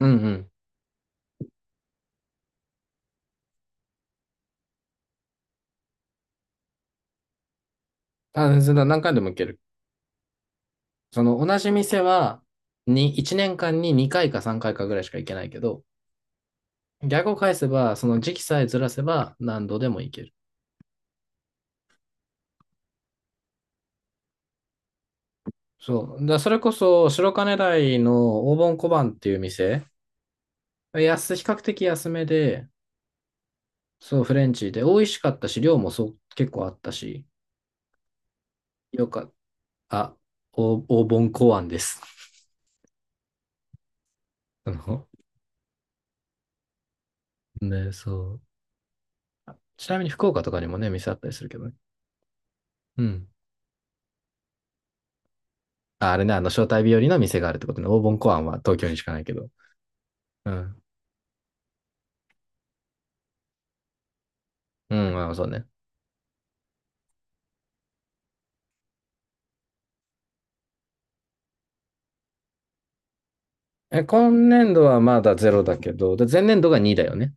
うんうん。あ、それは何回でも行ける。その同じ店は、1年間に2回か3回かいかぐらいしか行けないけど、逆を返せば、その時期さえずらせば何度でも行ける。そう。それこそ、白金台の黄金小判っていう店、比較的安めで、そう、フレンチで、美味しかったし、量もそう、結構あったし、よかった。あ、お黄金小判です。あの、ね、そう。ちなみに福岡とかにもね、店あったりするけどね。うん。ああれね、招待日和の店があるってことね。オーボンコアンは東京にしかないけど。うん。うん、まあそうね。え、今年度はまだゼロだけど、で前年度が2だよね。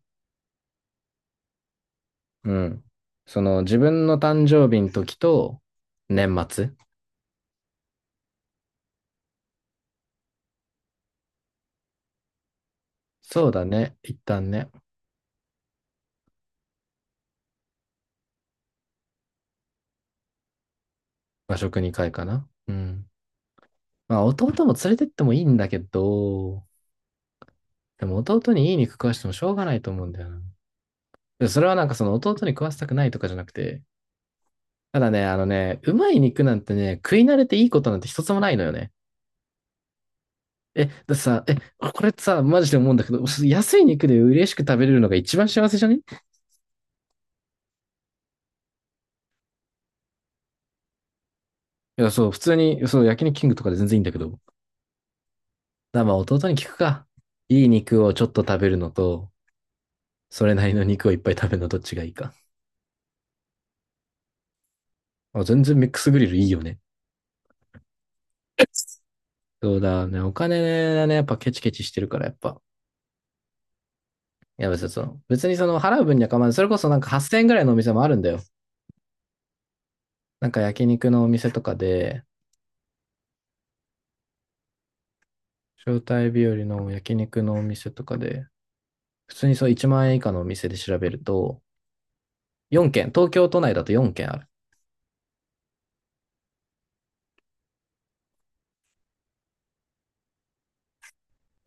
うん。その、自分の誕生日の時と、年末。そうだね。一旦ね。和食2回かな。うん。まあ、弟も連れてってもいいんだけど、でも弟にいい肉食わしてもしょうがないと思うんだよな。でそれはなんかその弟に食わせたくないとかじゃなくて、ただね、うまい肉なんてね、食い慣れていいことなんて一つもないのよね。え、だってさ、え、これってさ、マジで思うんだけど、安い肉で嬉しく食べれるのが一番幸せじゃねいや、そう、普通に、そう、焼肉キングとかで全然いいんだけど。まあ、弟に聞くか。いい肉をちょっと食べるのと、それなりの肉をいっぱい食べるのどっちがいいか。あ、全然ミックスグリルいいよね。そうだね、お金がね、やっぱケチケチしてるから、やっぱ。いや、別にその、払う分には構わない。それこそなんか8000円ぐらいのお店もあるんだよ。なんか焼肉のお店とかで、招待日和の焼肉のお店とかで、普通にそう1万円以下のお店で調べると、4軒、東京都内だと4軒ある。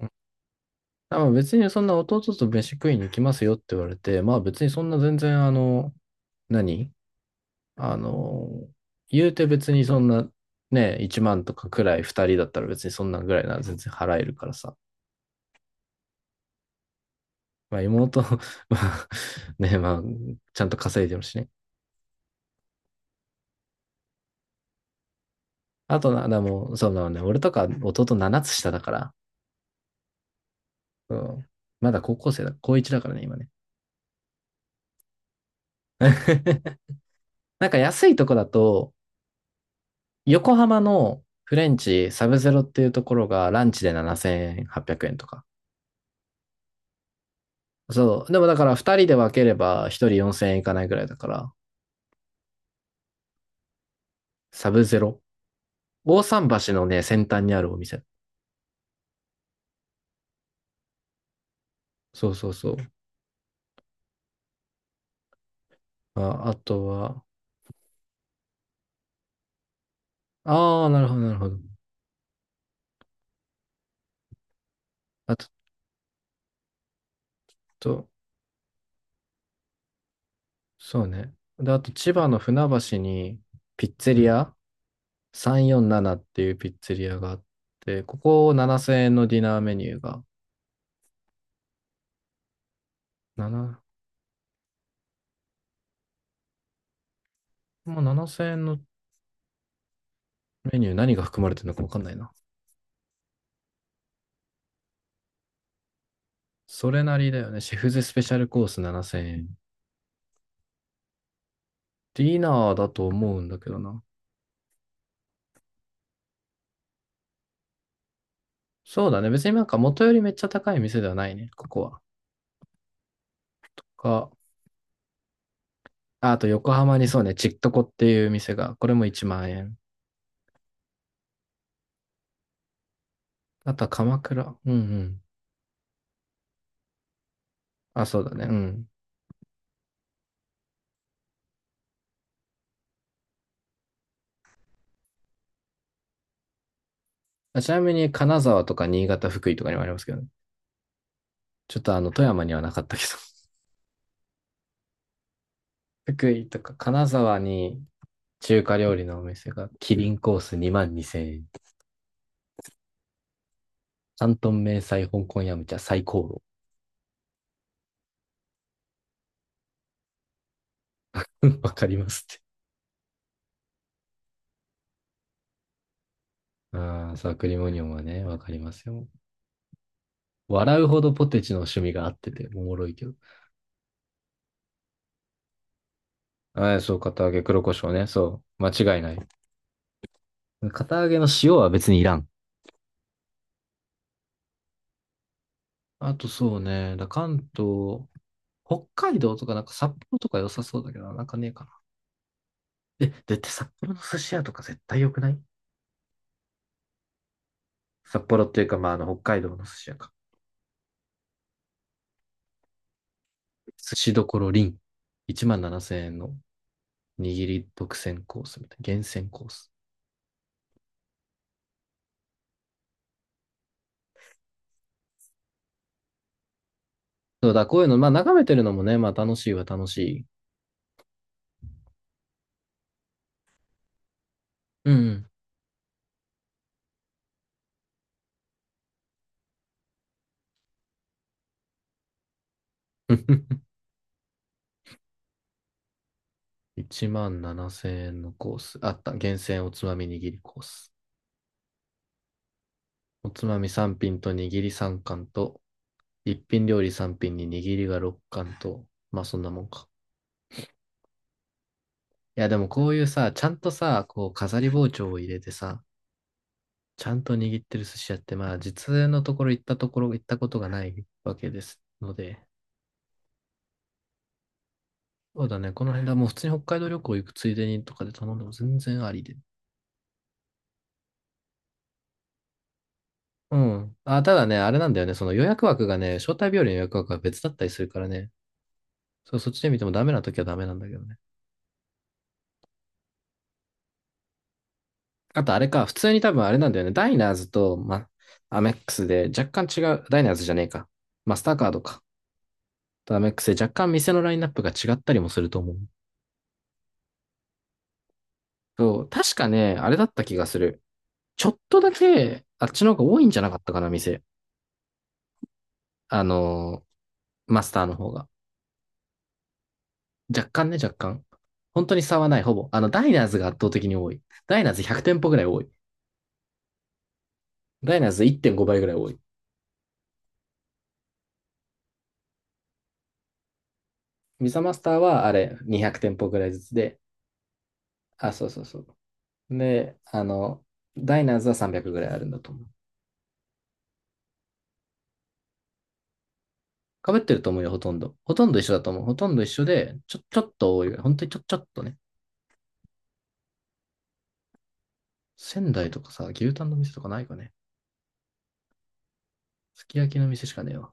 うんあまあ別にそんな弟と飯食いに行きますよって言われて、まあ別にそんな全然何あの、言うて別にそんなね、1万とかくらい2人だったら別にそんなぐらいなら全然払えるからさ。まあ妹、まあね、まあちゃんと稼いでるしね。あとな、でも、そうだね、俺とか弟7つ下だから、うん、まだ高校生だ、高1だからね、今ね。なんか安いとこだと、横浜のフレンチサブゼロっていうところがランチで7800円とか。そう。でもだから2人で分ければ1人4000円いかないぐらいだから、サブゼロ。大桟橋のね、先端にあるお店。そうそうそう。あ、あとは、ああ、なるほど、なるほど。あと、そうね。で、あと千葉の船橋にピッツェリア347っていうピッツェリアがあって、ここ7000円のディナーメニューが、7、もう7000円のメニュー何が含まれてるのか分かんないな。それなりだよね。シェフズスペシャルコース7000円。ディナーだと思うんだけどな。そうだね。別になんか元よりめっちゃ高い店ではないね。ここは。か、ああと横浜にそうね、ちっとこっていう店が、これも1万円。あとは鎌倉。うんうん。あ、そうだね。うん。あちなみに金沢とか新潟、福井とかにもありますけどね。ちょっと、富山にはなかったけど。福井とか金沢に中華料理のお店が、キリンコース2万2000円。ト東迷彩香港ヤムチャ最高炉。わかりますって。ああ、サクリモニオンはね、わかりますよ。笑うほどポテチの趣味があってて、おもろいけど。ああ、そう、片揚げ黒胡椒ね。そう、間違いない。片揚げの塩は別にいらん。あとそうね、関東、北海道とかなんか札幌とか良さそうだけど、なんかねえかな。え、だって札幌の寿司屋とか絶対良くない札幌っていうか、まあ、北海道の寿司屋か。寿司どころりん。1万7000円の握り独占コースみたいな。厳選コース。そうだ、こういうの、まあ眺めてるのもね、まあ楽しいは楽しい。うんうん。1万7000円のコース。あった。厳選おつまみ握りコース。おつまみ3品と握り3貫と、一品料理3品に握りが6貫と、まあそんなもんか。いやでもこういうさ、ちゃんとさ、こう飾り包丁を入れてさ、ちゃんと握ってる寿司屋って、まあ実のところ行ったことがないわけですので、そうだね。この辺だ。もう普通に北海道旅行行くついでにとかで頼んでも全然ありで。うん。あ、ただね、あれなんだよね。その予約枠がね、招待日和の予約枠が別だったりするからね。そう、そっちで見てもダメな時はダメなんだけどね。あとあれか、普通に多分あれなんだよね。ダイナーズと、ま、アメックスで若干違う、ダイナーズじゃねえか。マスターカードか。とアメックスで若干店のラインナップが違ったりもすると思う。そう、確かね、あれだった気がする。ちょっとだけ、あっちの方が多いんじゃなかったかな、店。あのーマスターの方が。若干ね、若干。本当に差はない、ほぼ。あの、ダイナーズが圧倒的に多い。ダイナーズ100店舗ぐらい多い。ダイナーズ1.5倍ぐらい多い。ミサマスターはあれ、200店舗ぐらいずつで、あ、そうそうそう。で、ダイナーズは300ぐらいあるんだと思う。被ってると思うよ、ほとんど。ほとんど一緒だと思う。ほとんど一緒で、ちょっと多いぐらい。本当にちょっとね。仙台とかさ、牛タンの店とかないかね。すき焼きの店しかねえわ。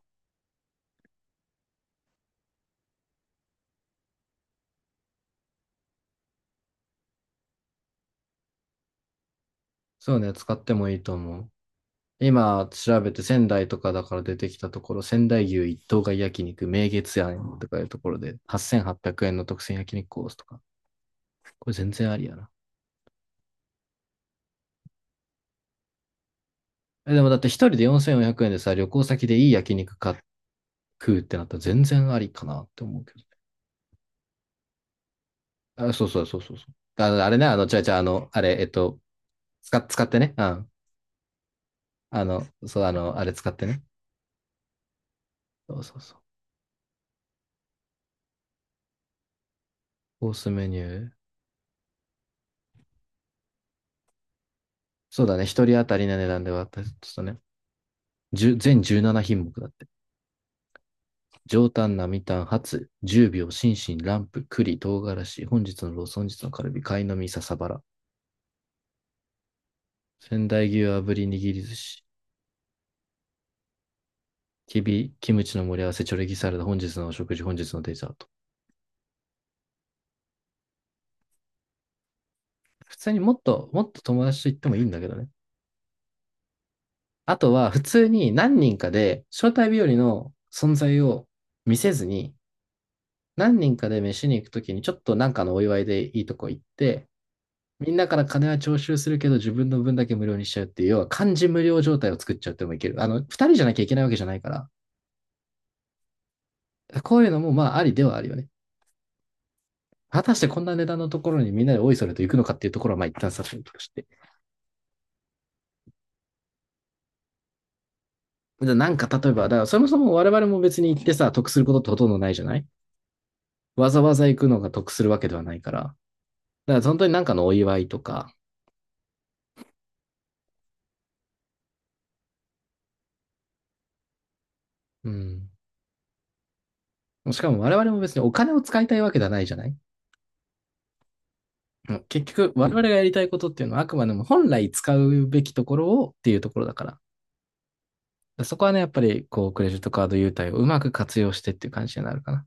そうね、使ってもいいと思う。今調べて仙台とかだから出てきたところ、仙台牛一頭買い焼肉、名月庵とかいうところで、8800円の特選焼肉コースとか。これ全然ありやな。え、でもだって一人で4400円でさ、旅行先でいい焼肉買っ食うってなったら全然ありかなって思うけど。あ、そうそうそうそうそう。あ、あれね、違う違う、あれ、使ってね。うん。あの、そう、あれ使ってね。そうそうそう。コースメニュー。そうだね、一人当たりの値段で割ったちょっとね、1全17品目だって。上タン、並タン、ハツ、10秒、心身、ランプ、栗、唐辛子、本日のロース、本日のカルビ、貝の実、笹バラ、仙台牛、炙り、握り寿司、きび、キムチの盛り合わせ、チョレギサラダ、本日のお食事、本日のデザート。普通にもっと、もっと友達と行ってもいいんだけどね。あとは、普通に何人かで、招待日和の存在を見せずに、何人かで飯に行くときに、ちょっとなんかのお祝いでいいとこ行って、みんなから金は徴収するけど、自分の分だけ無料にしちゃうっていう、要は漢字無料状態を作っちゃってもいける。二人じゃなきゃいけないわけじゃないから、こういうのもまあありではあるよね。果たしてこんな値段のところにみんなでおいそれと行くのかっていうところはまあ一旦さておとして。なんか例えば、だからそもそも我々も別に行ってさ、得することってほとんどないじゃないわざわざ行くのが得するわけではないから。だから本当になんかのお祝いとか、うん。しかも我々も別にお金を使いたいわけではないじゃない結局、我々がやりたいことっていうのは、あくまでも本来使うべきところをっていうところだから。そこはね、やっぱり、こう、クレジットカード優待をうまく活用してっていう感じになるかな。